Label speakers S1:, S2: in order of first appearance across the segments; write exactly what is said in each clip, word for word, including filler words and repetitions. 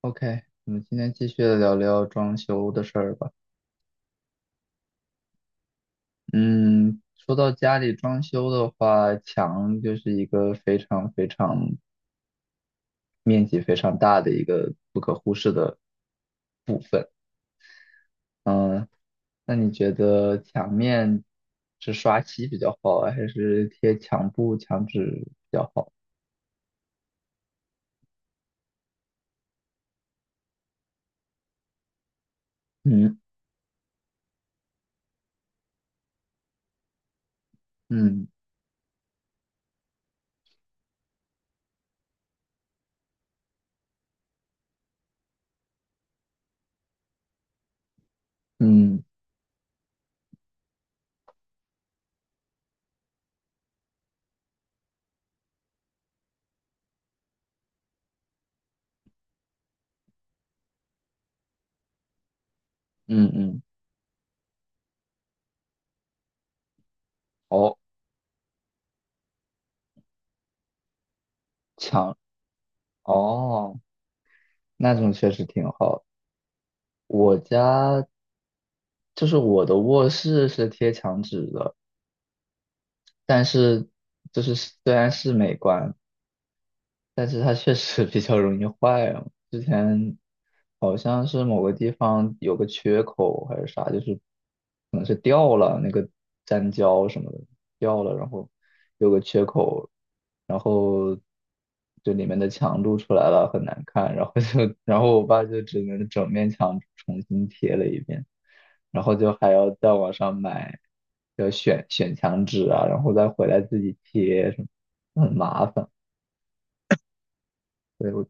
S1: OK,我们今天继续聊聊装修的事儿吧。嗯，说到家里装修的话，墙就是一个非常非常面积非常大的一个不可忽视的。嗯，那你觉得墙面是刷漆比较好啊，还是贴墙布、墙纸？嗯嗯嗯嗯嗯，哦，墙哦，那种确实挺好。我家就是我的卧室是贴墙纸的，但是就是虽然是美观，但是它确实 比较容易坏啊。之前好像是某个地方有个缺口还是啥，就是可能是掉了那个粘胶什么的掉了，然后有个缺口，然后就里面的墙露出来了，很难看。然后就 然后我爸就只能整面墙重新贴了一遍，然后就还要在网上买，要选选墙纸啊，然后再回来自己贴什么，很麻烦。所以我。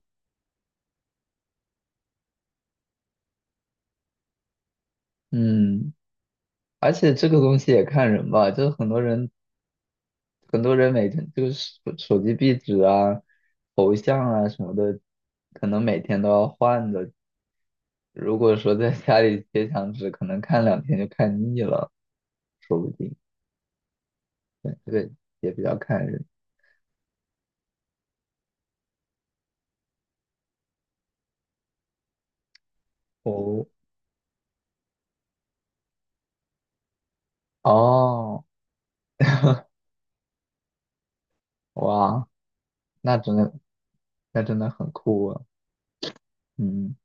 S1: 嗯，而且这个东西也看人吧，就是很多人，很多人每天就是手手机壁纸啊、头像啊什么的，可能每天都要换的。如果说在家里贴墙纸，可能看两天就看腻了，说不定。对，这个也比较看人。哦，哦，哇，那真的，那真的很酷啊。嗯，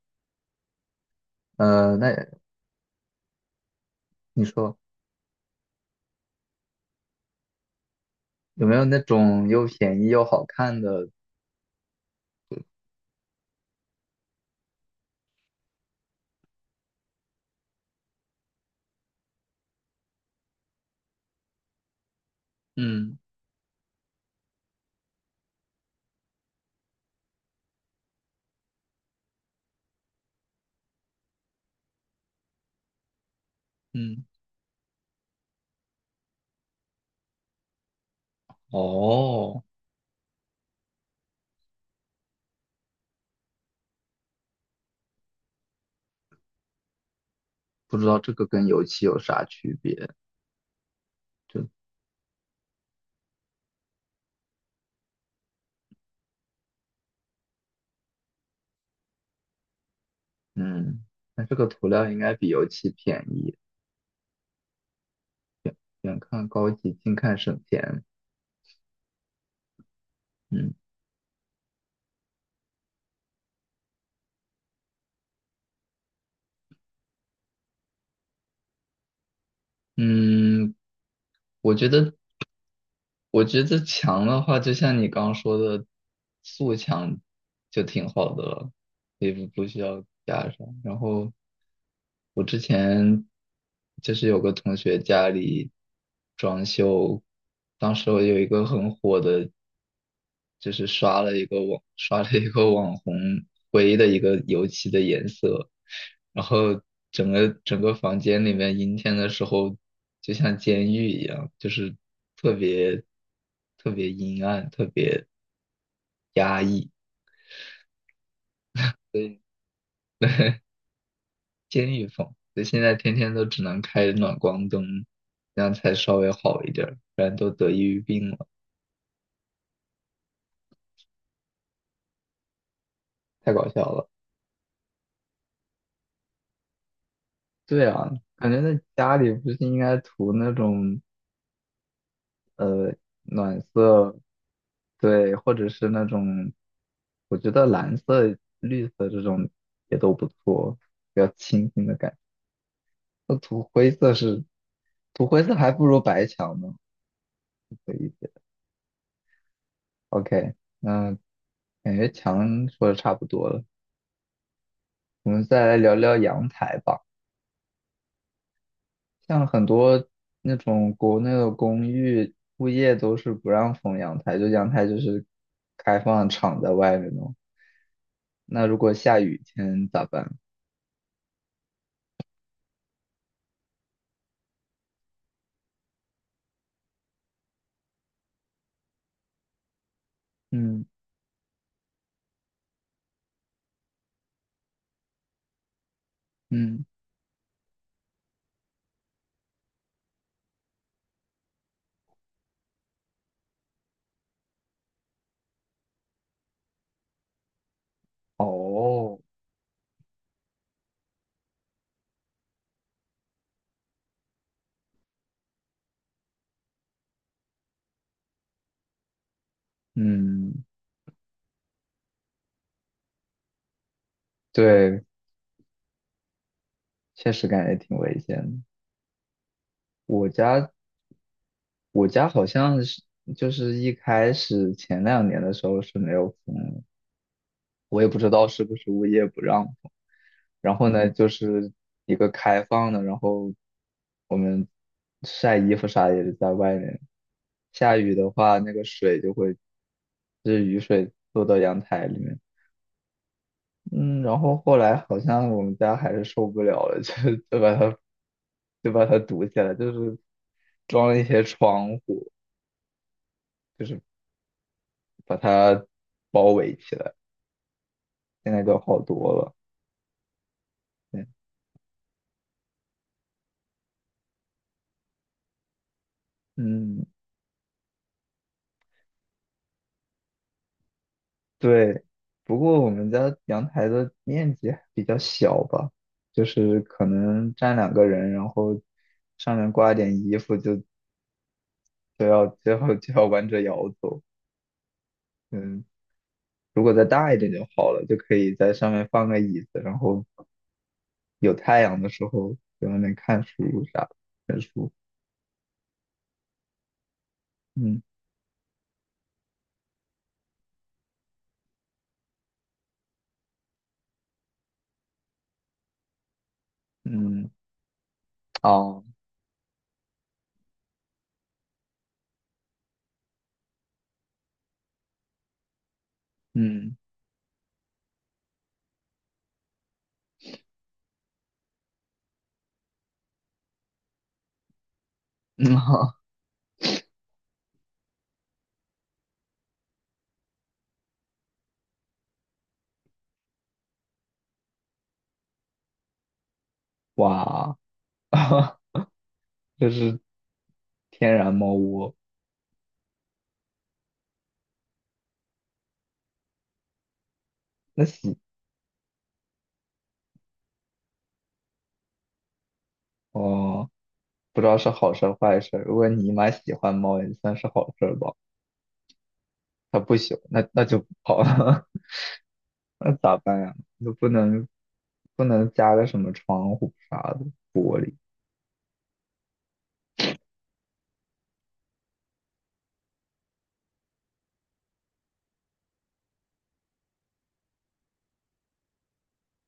S1: 嗯，那你说有没有那种又便宜又好看的？嗯嗯，哦，不知道这个跟油漆有啥区别。就嗯，那这个涂料应该比油漆便宜，远看高级，近看省钱。嗯嗯，我觉得我觉得墙的话，就像你刚刚说的，素墙就挺好的了，也不不需要加上。然后我之前就是有个同学家里装修，当时有一个很火的。就是刷了一个网刷了一个网红灰的一个油漆的颜色，然后整个整个房间里面阴天的时候就像监狱一样，就是特别特别阴暗，特别监狱风。所以现在天天都只能开暖光灯，这样才稍微好一点儿，不然都得抑郁病了，太搞笑了。对啊，感觉在家里不是应该涂那种。暖色，对，或者是那种，我觉得蓝色、绿色这种也都不错，比较清新的感觉。那土灰色是，涂灰色还不如白墙呢。可以 OK,那感觉墙说的差不多了，我们再来聊聊阳台吧。像很多那种国内的公寓物业都是不让封阳台，就阳台就是开放敞在外面的。那如果下雨天咋办？嗯嗯哦，嗯，对，确实感觉挺危险的。我家我家好像是就是一开始前两年的时候是没有封的，我也不知道是不是物业不让封。然后呢，就是一个开放的，然后我们晒衣服啥也是在外面。下雨的话，那个水就会，就是雨水落到阳台里面。嗯，然后后来好像我们家还是受不了了，就就把它就把它堵起来，就是装了一些窗户，就是把它包围起来。现在就好多了。对，嗯，对，不过我们家阳台的面积还比较小吧，就是可能站两个人，然后上面挂一点衣服就，就要就要就要弯着腰走。嗯，如果再大一点就好了，就可以在上面放个椅子，然后有太阳的时候在外面看书啥，的。看书。嗯嗯哦嗯嗯 哇，这是天然猫窝，那洗哦。不知道是好事儿坏事儿，如果你妈喜欢猫，也算是好事儿吧。她不喜欢，那那就不好了，那咋办呀？就不能不能加个什么窗户啥的玻璃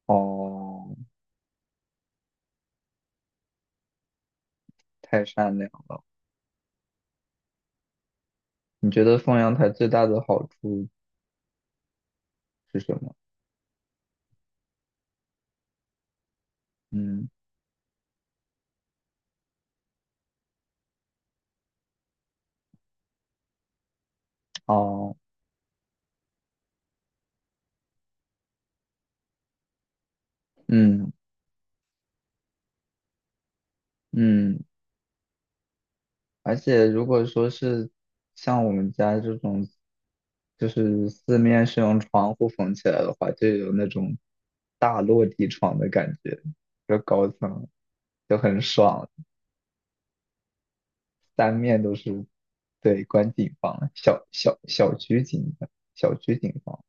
S1: 哦，太善良。你觉得放阳台最大的好处是什么？嗯，哦，嗯嗯。而且如果说是像我们家这种，就是四面是用窗户缝起来的话，就有那种大落地窗的感觉，就高层就很爽，三面都是对观景房，小小小区景小区景房。